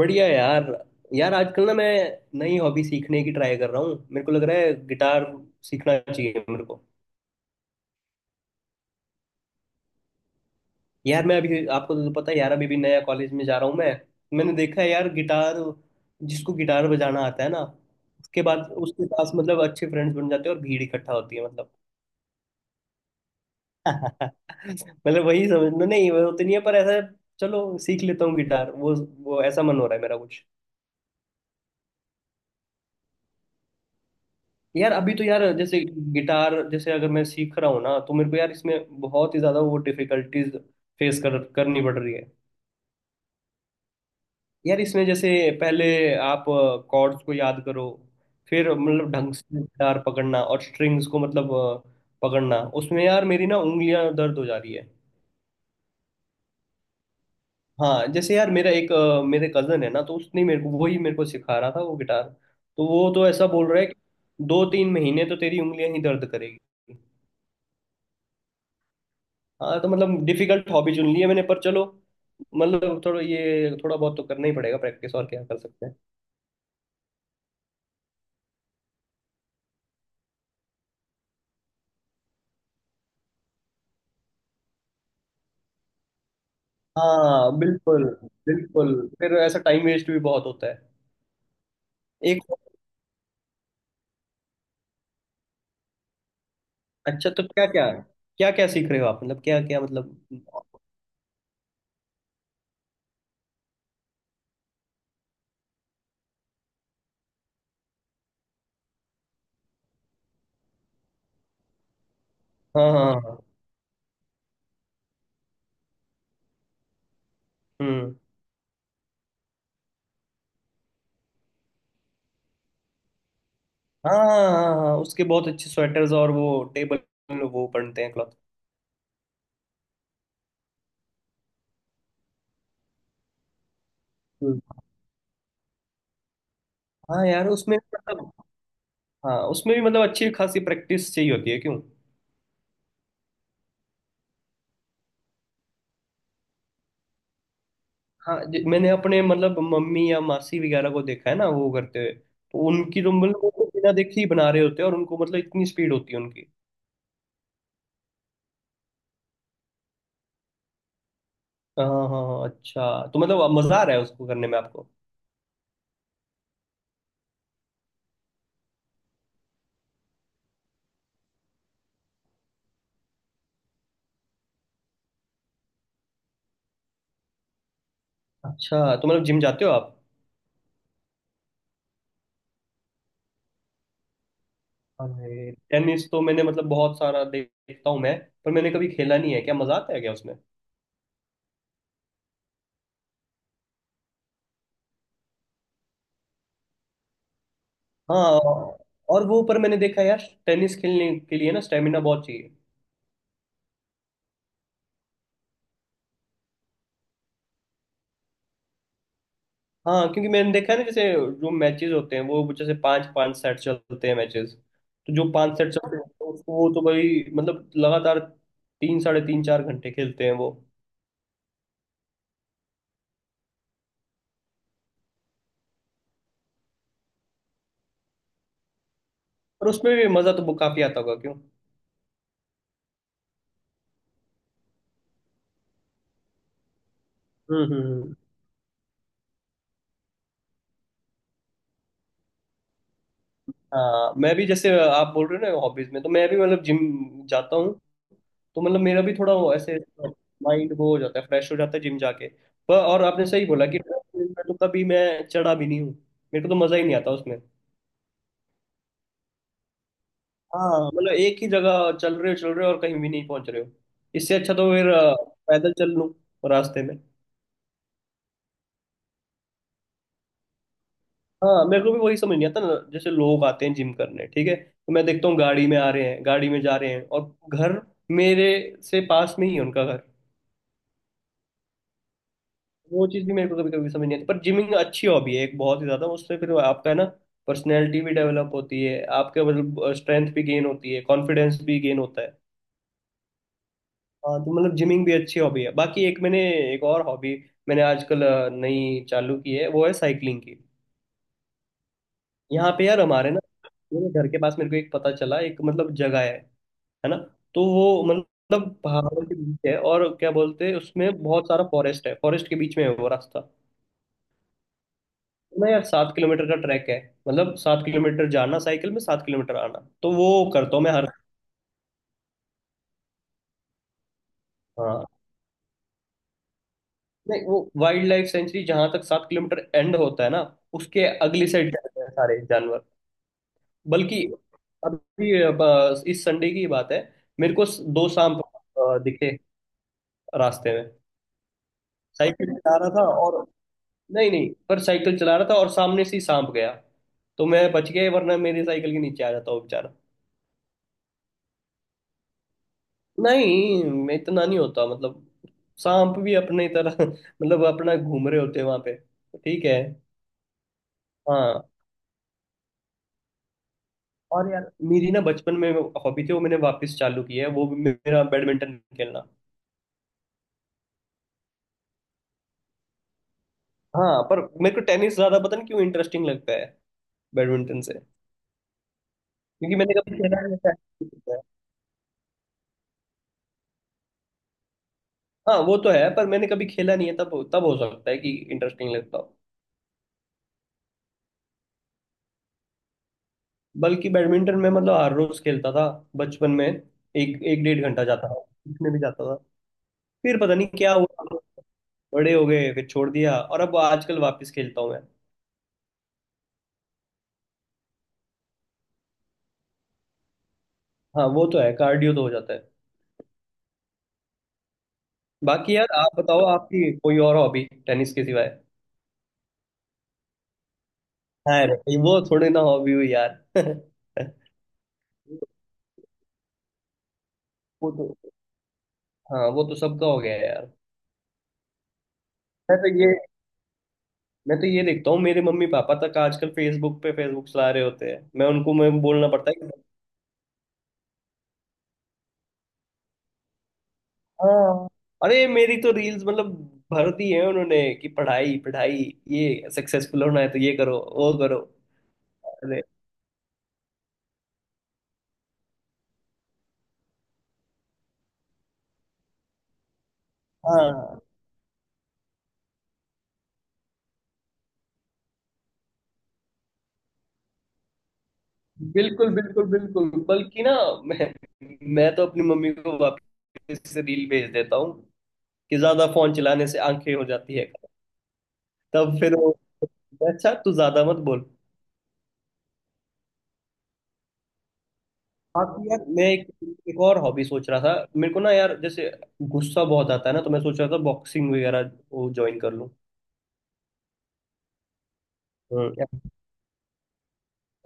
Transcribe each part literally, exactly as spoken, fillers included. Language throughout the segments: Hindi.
बढ़िया यार। यार आजकल ना मैं नई हॉबी सीखने की ट्राई कर रहा हूँ। मेरे को लग रहा है गिटार सीखना चाहिए मेरे को। यार मैं अभी, आपको तो पता है यार, अभी भी नया कॉलेज में जा रहा हूँ मैं। मैंने देखा है यार गिटार, जिसको गिटार बजाना आता है ना, उसके बाद उसके पास मतलब अच्छे फ्रेंड्स बन जाते हैं और भीड़ इकट्ठा होती है मतलब। मतलब वही समझ नहीं, वो तो नहीं है पर ऐसा, चलो सीख लेता हूँ गिटार। वो वो ऐसा मन हो रहा है मेरा कुछ। यार अभी तो यार जैसे गिटार, जैसे अगर मैं सीख रहा हूँ ना तो मेरे को यार इसमें बहुत ही ज़्यादा वो डिफिकल्टीज फेस कर करनी पड़ रही है। यार इसमें जैसे पहले आप कॉर्ड्स को याद करो, फिर मतलब ढंग से गिटार पकड़ना और स्ट्रिंग्स को मतलब अ, पकड़ना, उसमें यार मेरी ना उंगलियां दर्द हो जा रही है। हाँ, जैसे यार मेरा एक अ, मेरे कजन है ना, तो उसने मेरे को वही, मेरे को सिखा रहा था वो गिटार। तो वो तो ऐसा बोल रहा है कि दो तीन महीने तो तेरी उंगलियां ही दर्द करेगी। हाँ तो मतलब डिफिकल्ट हॉबी चुन ली है मैंने, पर चलो मतलब थोड़ा ये थोड़ा बहुत तो करना ही पड़ेगा प्रैक्टिस, और क्या कर सकते हैं। हाँ बिल्कुल। बिल्कुल फिर ऐसा टाइम वेस्ट भी बहुत होता है। एक अच्छा तो क्या क्या क्या क्या सीख रहे हो आप, मतलब क्या क्या, मतलब। हाँ हाँ हाँ। हम्म। हाँ हाँ हाँ हाँ, हाँ, उसके बहुत अच्छे स्वेटर्स और वो टेबल वो बनते हैं क्लॉथ। हाँ यार उसमें मतलब, हाँ उसमें भी मतलब अच्छी खासी प्रैक्टिस चाहिए होती है क्यों। हाँ, ज- मैंने अपने मतलब मम्मी या मासी वगैरह को देखा है ना, वो करते हुए तो उनकी तो मतलब वो तो बिना देखे ही बना रहे होते हैं, और उनको मतलब इतनी स्पीड होती है उनकी। हाँ हाँ हाँ। अच्छा तो मतलब अब मजा आ रहा है उसको करने में आपको। अच्छा तो मतलब जिम जाते हो आप। अरे, टेनिस तो मैंने मतलब बहुत सारा देख- देखता हूँ मैं, पर मैंने कभी खेला नहीं है, क्या मजा आता है क्या उसमें। हाँ, और वो, पर मैंने देखा है यार टेनिस खेलने के लिए ना स्टेमिना बहुत चाहिए। हाँ, क्योंकि मैंने देखा है ना, जैसे जो मैचेस होते हैं वो जैसे पांच पांच सेट चलते हैं मैचेस। तो जो पांच सेट चलते हैं तो उसको वो तो भाई मतलब लगातार तीन साढ़े तीन चार घंटे खेलते हैं वो। और उसमें भी मजा तो काफी आता होगा क्यों। हम्म, हम्म, हम्म। हाँ, मैं भी जैसे आप बोल रहे हो ना हॉबीज में, तो मैं भी मतलब जिम जाता हूँ। तो मतलब मेरा भी थोड़ा वो ऐसे माइंड वो हो जाता है, फ्रेश हो जाता है जिम जाके। पर, और आपने सही बोला कि treadmill में तो कभी मैं चढ़ा भी नहीं हूँ, मेरे को तो मजा ही नहीं आता उसमें। हाँ, मतलब एक ही जगह चल रहे हो चल रहे हो और कहीं भी नहीं पहुंच रहे हो। इससे अच्छा तो फिर अ, पैदल चल लूँ रास्ते में। हाँ, मेरे को भी वही समझ नहीं आता ना, जैसे लोग आते हैं जिम करने, ठीक है तो मैं देखता हूँ गाड़ी में आ रहे हैं, गाड़ी में जा रहे हैं और घर मेरे से पास में ही है उनका घर। वो चीज़ भी मेरे को कभी कभी समझ नहीं आती, पर जिमिंग अच्छी हॉबी है एक, बहुत ही ज़्यादा उससे फिर आपका है ना, पर्सनैलिटी भी डेवलप होती है आपके, मतलब स्ट्रेंथ भी गेन होती है, कॉन्फिडेंस भी गेन होता है। हाँ तो मतलब जिमिंग भी अच्छी हॉबी है। बाकी एक मैंने एक और हॉबी मैंने आजकल अ, नई चालू की है, वो है साइकिलिंग की। यहाँ पे यार हमारे ना, मेरे घर के पास, मेरे को एक पता चला एक मतलब जगह है है ना। तो वो मतलब पहाड़ों के बीच है, और क्या बोलते हैं उसमें बहुत सारा फॉरेस्ट है, फॉरेस्ट के बीच में है वो रास्ता। तो ना यार सात किलोमीटर का ट्रैक है। मतलब सात किलोमीटर जाना साइकिल में, सात किलोमीटर आना, तो वो करता हूँ मैं हर। हाँ, नहीं, वो वाइल्ड लाइफ सेंचुरी जहां तक सात किलोमीटर एंड होता है ना, उसके अगली साइड जाते हैं सारे जानवर। बल्कि अभी, अब इस संडे की बात है, मेरे को दो सांप अ, दिखे रास्ते में, साइकिल चला रहा था और, नहीं नहीं, पर साइकिल चला रहा था और सामने से ही सांप गया। तो मैं बच गया, वरना मेरी साइकिल के नीचे आ जाता वो बेचारा। नहीं, मैं इतना नहीं होता मतलब, सांप भी अपने तरह मतलब अपना घूम रहे होते हैं वहां पे, ठीक है। हाँ। और यार मेरी ना बचपन में हॉबी थी, वो मैंने वापस चालू की है, वो भी मेरा बैडमिंटन खेलना। हाँ, पर मेरे को टेनिस ज्यादा पता नहीं क्यों इंटरेस्टिंग लगता है बैडमिंटन से। क्योंकि मैंने कभी खेला नहीं था। हाँ, वो तो है, पर मैंने कभी खेला नहीं है, तब तब हो सकता है कि इंटरेस्टिंग लगता हो। बल्कि बैडमिंटन में मतलब हर रोज खेलता था बचपन में, एक एक डेढ़ घंटा जाता था, इसमें भी जाता था, फिर पता नहीं क्या हुआ, बड़े हो गए, फिर छोड़ दिया, और अब आजकल वापस खेलता हूँ मैं। हाँ वो तो है, कार्डियो तो हो जाता है। बाकी यार आप बताओ आपकी कोई और हॉबी टेनिस के सिवाय। हाँ रे, भाई वो थोड़ी ना हॉबी हुई यार। वो तो, हाँ वो तो सबका हो गया है यार। वैसे ये, मैं तो ये देखता हूँ मेरे मम्मी पापा तक आजकल फेसबुक पे फेसबुक चला रहे होते हैं, मैं उनको मैं बोलना पड़ता है कि। हाँ, अरे मेरी तो रील्स मतलब भर दी है उन्होंने कि पढ़ाई पढ़ाई, ये सक्सेसफुल होना है तो ये करो वो करो। अरे हाँ। बिल्कुल बिल्कुल बिल्कुल। बल्कि ना, मैं मैं तो अपनी मम्मी को वापस से रील भेज देता हूँ कि ज्यादा फोन चलाने से आंखें हो जाती है, तब फिर वो, अच्छा तू ज्यादा मत बोल। हाँ तो यार मैं एक एक और हॉबी सोच रहा था मेरे को ना यार, जैसे गुस्सा बहुत आता है ना तो मैं सोच रहा था बॉक्सिंग वगैरह वो ज्वाइन कर लूँ। हम्म।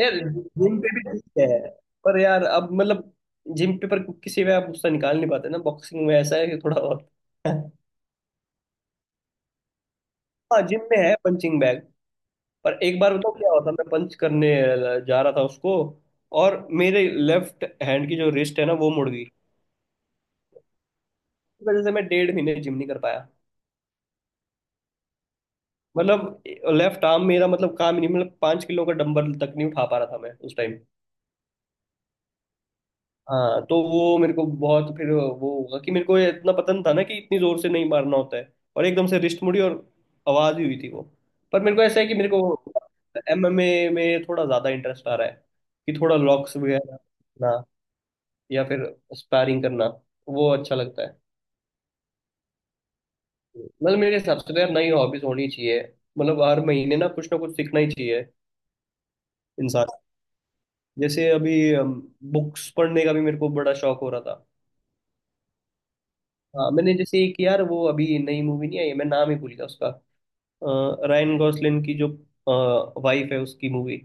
यार जिम पे भी ठीक है, पर यार अब मतलब जिम पे, पर किसी में आप गुस्सा निकाल नहीं पाते ना, बॉक्सिंग में ऐसा है कि थोड़ा बहुत। हाँ, जिम में है पंचिंग बैग। पर एक बार बताओ क्या होता, मैं पंच करने जा रहा था उसको, और मेरे लेफ्ट हैंड की जो रिस्ट है ना, वो मुड़ गई, इस वजह से मैं डेढ़ महीने जिम नहीं कर पाया। मतलब लेफ्ट आर्म मेरा मतलब काम ही नहीं, मतलब पाँच किलो का डंबल तक नहीं उठा पा रहा था मैं उस टाइम। हाँ तो वो मेरे को बहुत फिर वो होगा कि मेरे को ये इतना पता नहीं था ना कि इतनी जोर से नहीं मारना होता है, और एकदम से रिस्ट मुड़ी और आवाज ही हुई थी वो। पर मेरे को ऐसा है कि मेरे को एम एम ए में थोड़ा ज्यादा इंटरेस्ट आ रहा है, कि थोड़ा लॉक्स वगैरह ना, या फिर स्पारिंग करना, वो अच्छा लगता है। मतलब मेरे हिसाब से तो यार नई हॉबीज होनी चाहिए, मतलब हर महीने ना कुछ ना कुछ सीखना ही चाहिए। जैसे अभी अम, बुक्स पढ़ने का भी मेरे को बड़ा शौक हो रहा था। हाँ, मैंने जैसे एक यार वो अभी नई मूवी नहीं आई, मैं नाम ही भूल गया उसका, अ, रायन गॉसलिन की जो वाइफ है उसकी movie.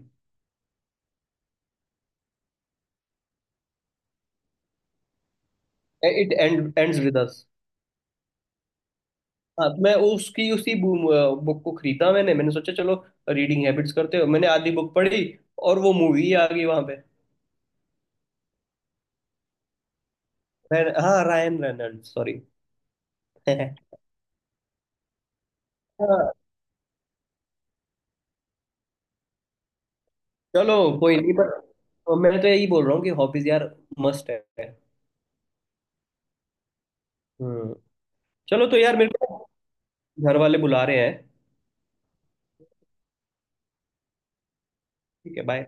It end ends with us. हाँ तो मैं उसकी उसी बुक को खरीदा, मैंने मैंने सोचा चलो रीडिंग हैबिट्स करते हो, मैंने आधी बुक पढ़ी और वो मूवी आ गई वहां पे। रैन- हाँ रायन रेनल्ड सॉरी। हाँ, चलो कोई नहीं, पर मैं तो यही बोल रहा हूँ कि हॉबीज यार मस्ट है। हम्म चलो तो यार मेरे को घर वाले बुला रहे हैं। ठीक है बाय।